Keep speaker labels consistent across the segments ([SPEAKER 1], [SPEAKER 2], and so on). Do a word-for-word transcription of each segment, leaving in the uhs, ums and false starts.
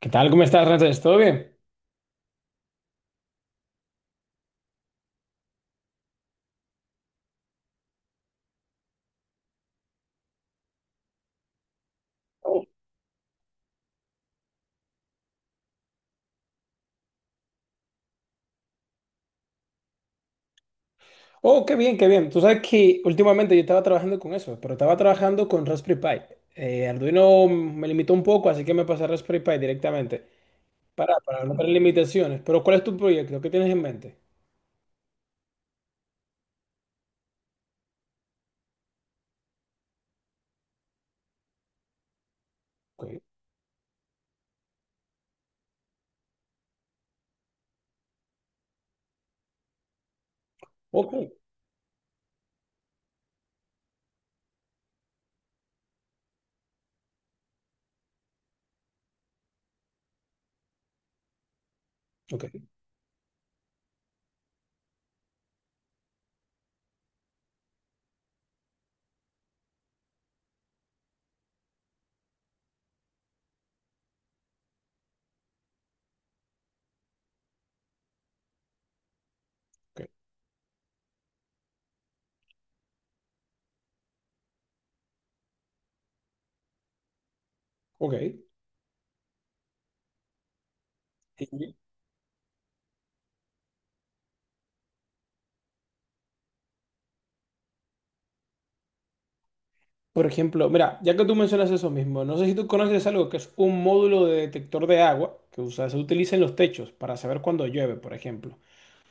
[SPEAKER 1] ¿Qué tal? ¿Cómo estás, Ramses? ¿Todo bien? Oh, qué bien, qué bien. Tú sabes que últimamente yo estaba trabajando con eso, pero estaba trabajando con Raspberry Pi. Eh, Arduino me limitó un poco, así que me pasé a Raspberry Pi directamente. Para, para no tener limitaciones. Pero ¿cuál es tu proyecto? ¿Qué tienes en mente? Ok, ok, ok, ok, ok. Y, por ejemplo, mira, ya que tú mencionas eso mismo, no sé si tú conoces algo que es un módulo de detector de agua que usa- se utiliza en los techos para saber cuándo llueve, por ejemplo.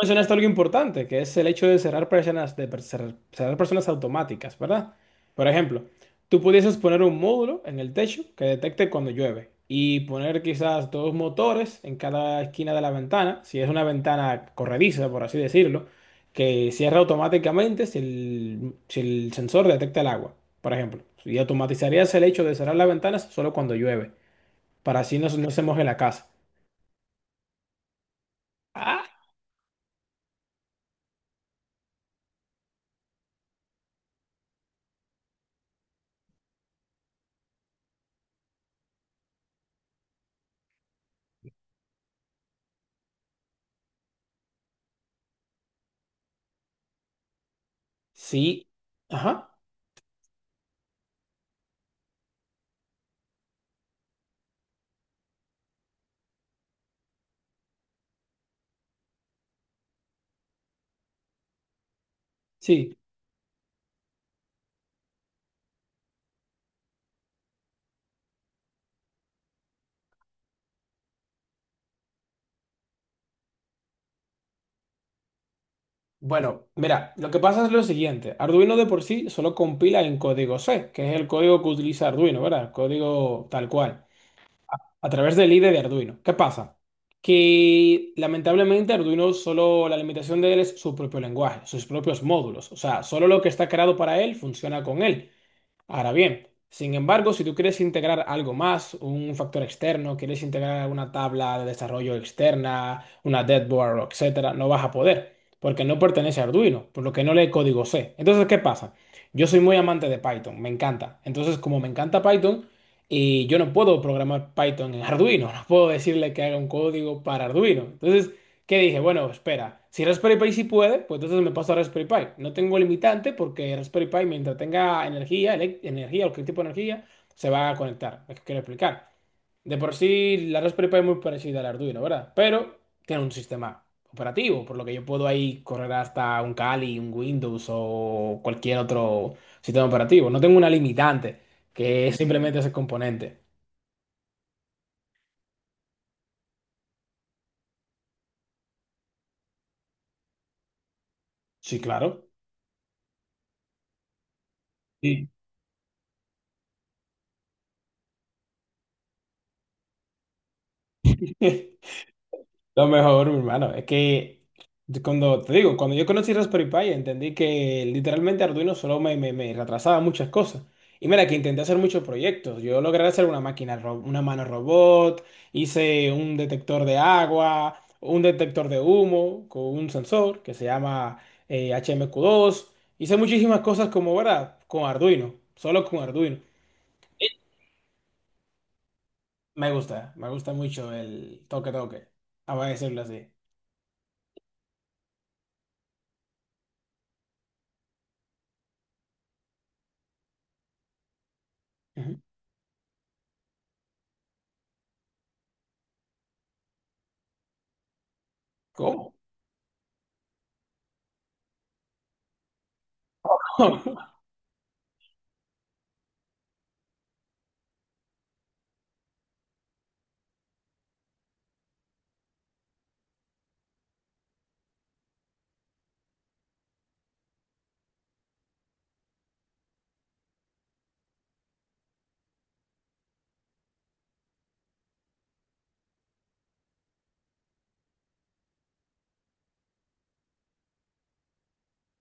[SPEAKER 1] Mencionaste algo importante, que es el hecho de cerrar personas, de per- cerrar, cerrar personas automáticas, ¿verdad? Por ejemplo, tú pudieses poner un módulo en el techo que detecte cuando llueve y poner quizás dos motores en cada esquina de la ventana, si es una ventana corrediza, por así decirlo, que cierra automáticamente si el, si el sensor detecta el agua, por ejemplo. Y automatizarías el hecho de cerrar las ventanas solo cuando llueve, para así no, se- no se moje la casa. Ah, sí. Ajá. Sí. Bueno, mira, lo que pasa es lo siguiente. Arduino de por sí solo compila en código C, que es el código que utiliza Arduino, ¿verdad? El código tal cual, a través del I D E de Arduino. ¿Qué pasa? Que lamentablemente Arduino solo, la limitación de él es su propio lenguaje, sus propios módulos. O sea, solo lo que está creado para él funciona con él. Ahora bien, sin embargo, si tú quieres integrar algo más, un factor externo, quieres integrar una tabla de desarrollo externa, una deadboard, etcétera, no vas a poder, porque no pertenece a Arduino, por lo que no lee código C. Entonces, ¿qué pasa? Yo soy muy amante de Python, me encanta. Entonces, como me encanta Python, y yo no puedo programar Python en Arduino, no puedo decirle que haga un código para Arduino. Entonces, que dije, bueno, espera, si Raspberry Pi sí puede, pues entonces me paso a Raspberry Pi. No tengo limitante porque Raspberry Pi, mientras tenga energía, elec- energía o cualquier tipo de energía, se va a conectar. Es que quiero explicar. De por sí, la Raspberry Pi es muy parecida al Arduino, ¿verdad? Pero tiene un sistema operativo, por lo que yo puedo ahí correr hasta un Kali, un Windows o cualquier otro sistema operativo. No tengo una limitante, que es simplemente ese componente. Sí, claro. Sí. Lo mejor, mi hermano, es que yo cuando te digo, cuando yo conocí Raspberry Pi, entendí que literalmente Arduino solo me, me, me retrasaba muchas cosas. Y mira que intenté hacer muchos proyectos. Yo logré hacer una máquina, ro- una mano robot, hice un detector de agua, un detector de humo con un sensor que se llama eh, H M Q dos. Hice muchísimas cosas como, ¿verdad? Con Arduino, solo con Arduino. Me gusta, me gusta mucho el toque toque, a decirlo así. Ujú. ¿Cómo?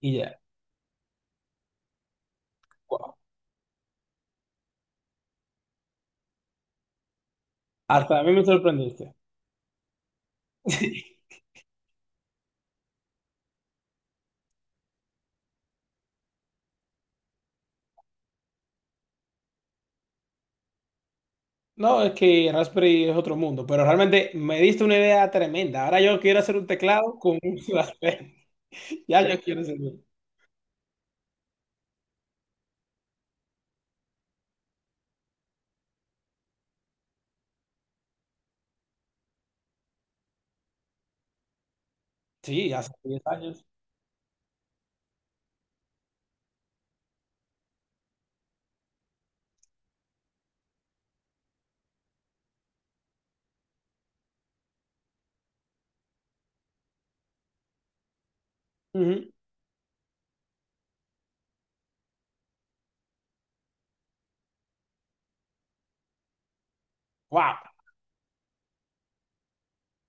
[SPEAKER 1] Y ya. Wow. Hasta a mí me sorprendiste. No, es que Raspberry es otro mundo, pero realmente me diste una idea tremenda. Ahora yo quiero hacer un teclado con un Raspberry. Ya yo quiero hacer uno. Sí, hace diez años. Ujú. Wow.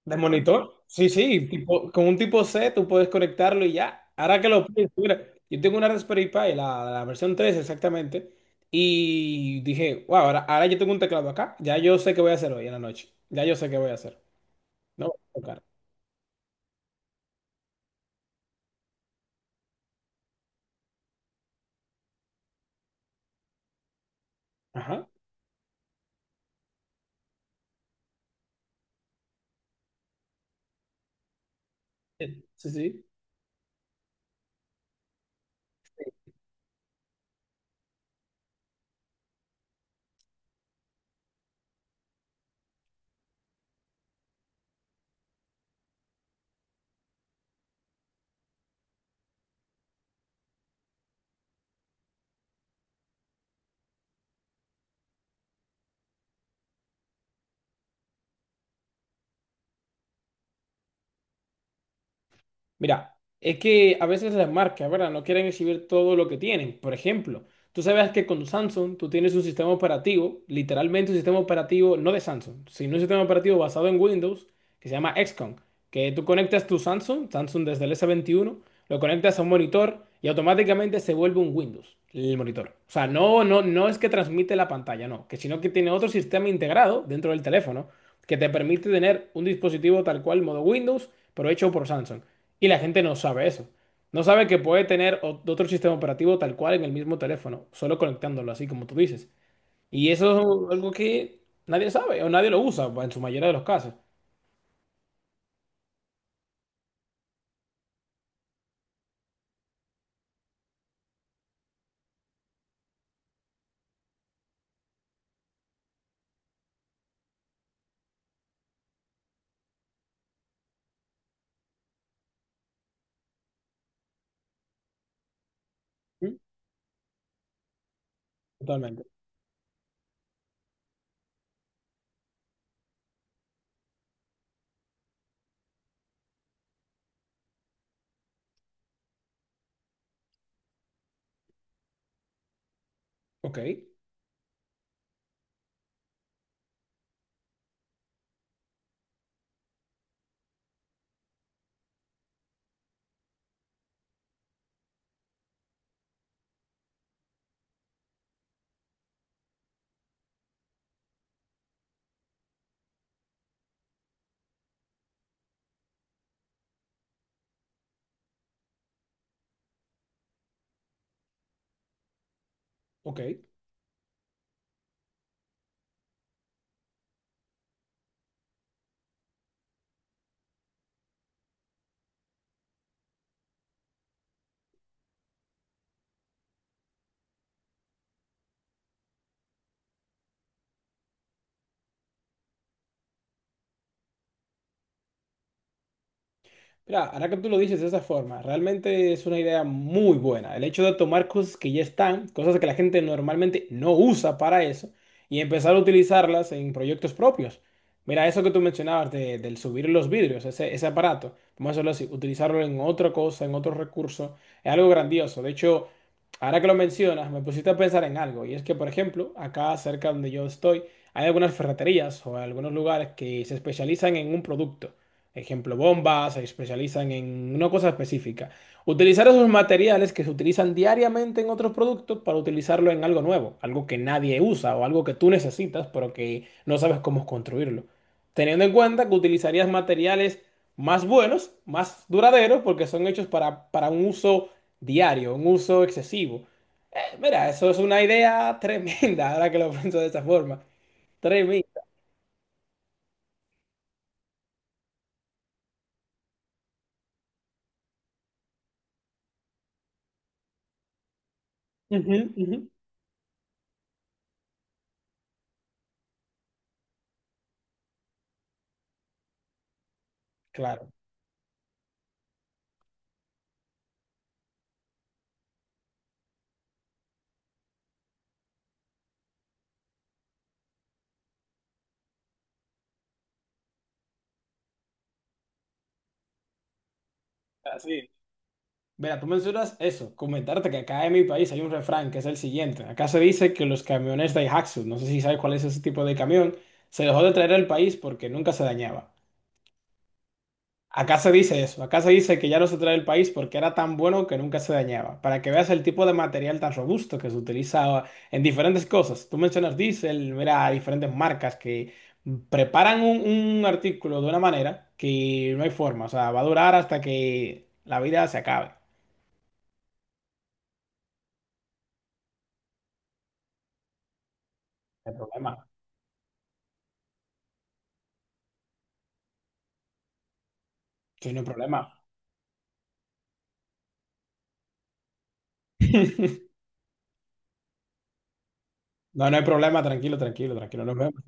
[SPEAKER 1] ¿De monitor? Sí, sí, tipo, con un tipo C tú puedes conectarlo y ya. Ahora que lo pienso, mira, yo tengo una Raspberry Pi, la, la versión tres exactamente, y dije, wow, ahora, ahora yo tengo un teclado acá, ya yo sé qué voy a hacer hoy en la noche. Ya yo sé qué voy a hacer. No voy a tocar. Ajá. Sí, sí, sí. Mira, es que a veces las marcas, ¿verdad? No quieren exhibir todo lo que tienen. Por ejemplo, tú sabes que con Samsung tú tienes un sistema operativo, literalmente un sistema operativo, no de Samsung, sino un sistema operativo basado en Windows que se llama equis com, que tú conectas tu Samsung, Samsung desde el s veintiuno lo conectas a un monitor y automáticamente se vuelve un Windows, el monitor. O sea, no, no, no es que transmite la pantalla, no, que sino que tiene otro sistema integrado dentro del teléfono que te permite tener un dispositivo tal cual modo Windows por hecho por Samsung. Y la gente no sabe eso. No sabe que puede tener o- otro sistema operativo tal cual en el mismo teléfono, solo conectándolo, así como tú dices. Y eso es algo que nadie sabe o nadie lo usa, en su mayoría de los casos. ¿Mm? Totalmente. Ok, ok. Mira, ahora que tú lo dices de esa forma, realmente es una idea muy buena. El hecho de tomar cosas que ya están, cosas que la gente normalmente no usa para eso, y empezar a utilizarlas en proyectos propios. Mira, eso que tú mencionabas de- del subir los vidrios, ese, ese aparato, vamos a hacerlo así, utilizarlo en otra cosa, en otro recurso, es algo grandioso. De hecho, ahora que lo mencionas, me pusiste a pensar en algo, y es que, por ejemplo, acá cerca donde yo estoy, hay algunas ferreterías o algunos lugares que se especializan en un producto. Ejemplo, bombas, se especializan en una cosa específica. Utilizar esos materiales que se utilizan diariamente en otros productos para utilizarlo en algo nuevo, algo que nadie usa o algo que tú necesitas, pero que no sabes cómo construirlo. Teniendo en cuenta que utilizarías materiales más buenos, más duraderos, porque son hechos para, para un uso diario, un uso excesivo. Eh, mira, eso es una idea tremenda, ahora que lo pienso de esa forma. Tremenda. Ujú, ujú. Claro. Así. Mira, tú mencionas eso, comentarte que acá en mi país hay un refrán que es el siguiente. Acá se dice que los camiones Daihatsu, no sé si sabes cuál es ese tipo de camión, se dejó de traer al país porque nunca se dañaba. Acá se dice eso, acá se dice que ya no se trae al país porque era tan bueno que nunca se dañaba. Para que veas el tipo de material tan robusto que se utilizaba en diferentes cosas. Tú mencionas diésel, mira, hay diferentes marcas que preparan un, un artículo de una manera que no hay forma, o sea, va a durar hasta que la vida se acabe. El problema. Sí, no hay problema. No, no hay problema, tranquilo, tranquilo, tranquilo. Nos vemos.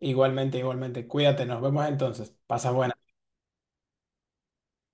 [SPEAKER 1] Igualmente, igualmente. Cuídate, nos vemos entonces. Pasa buena.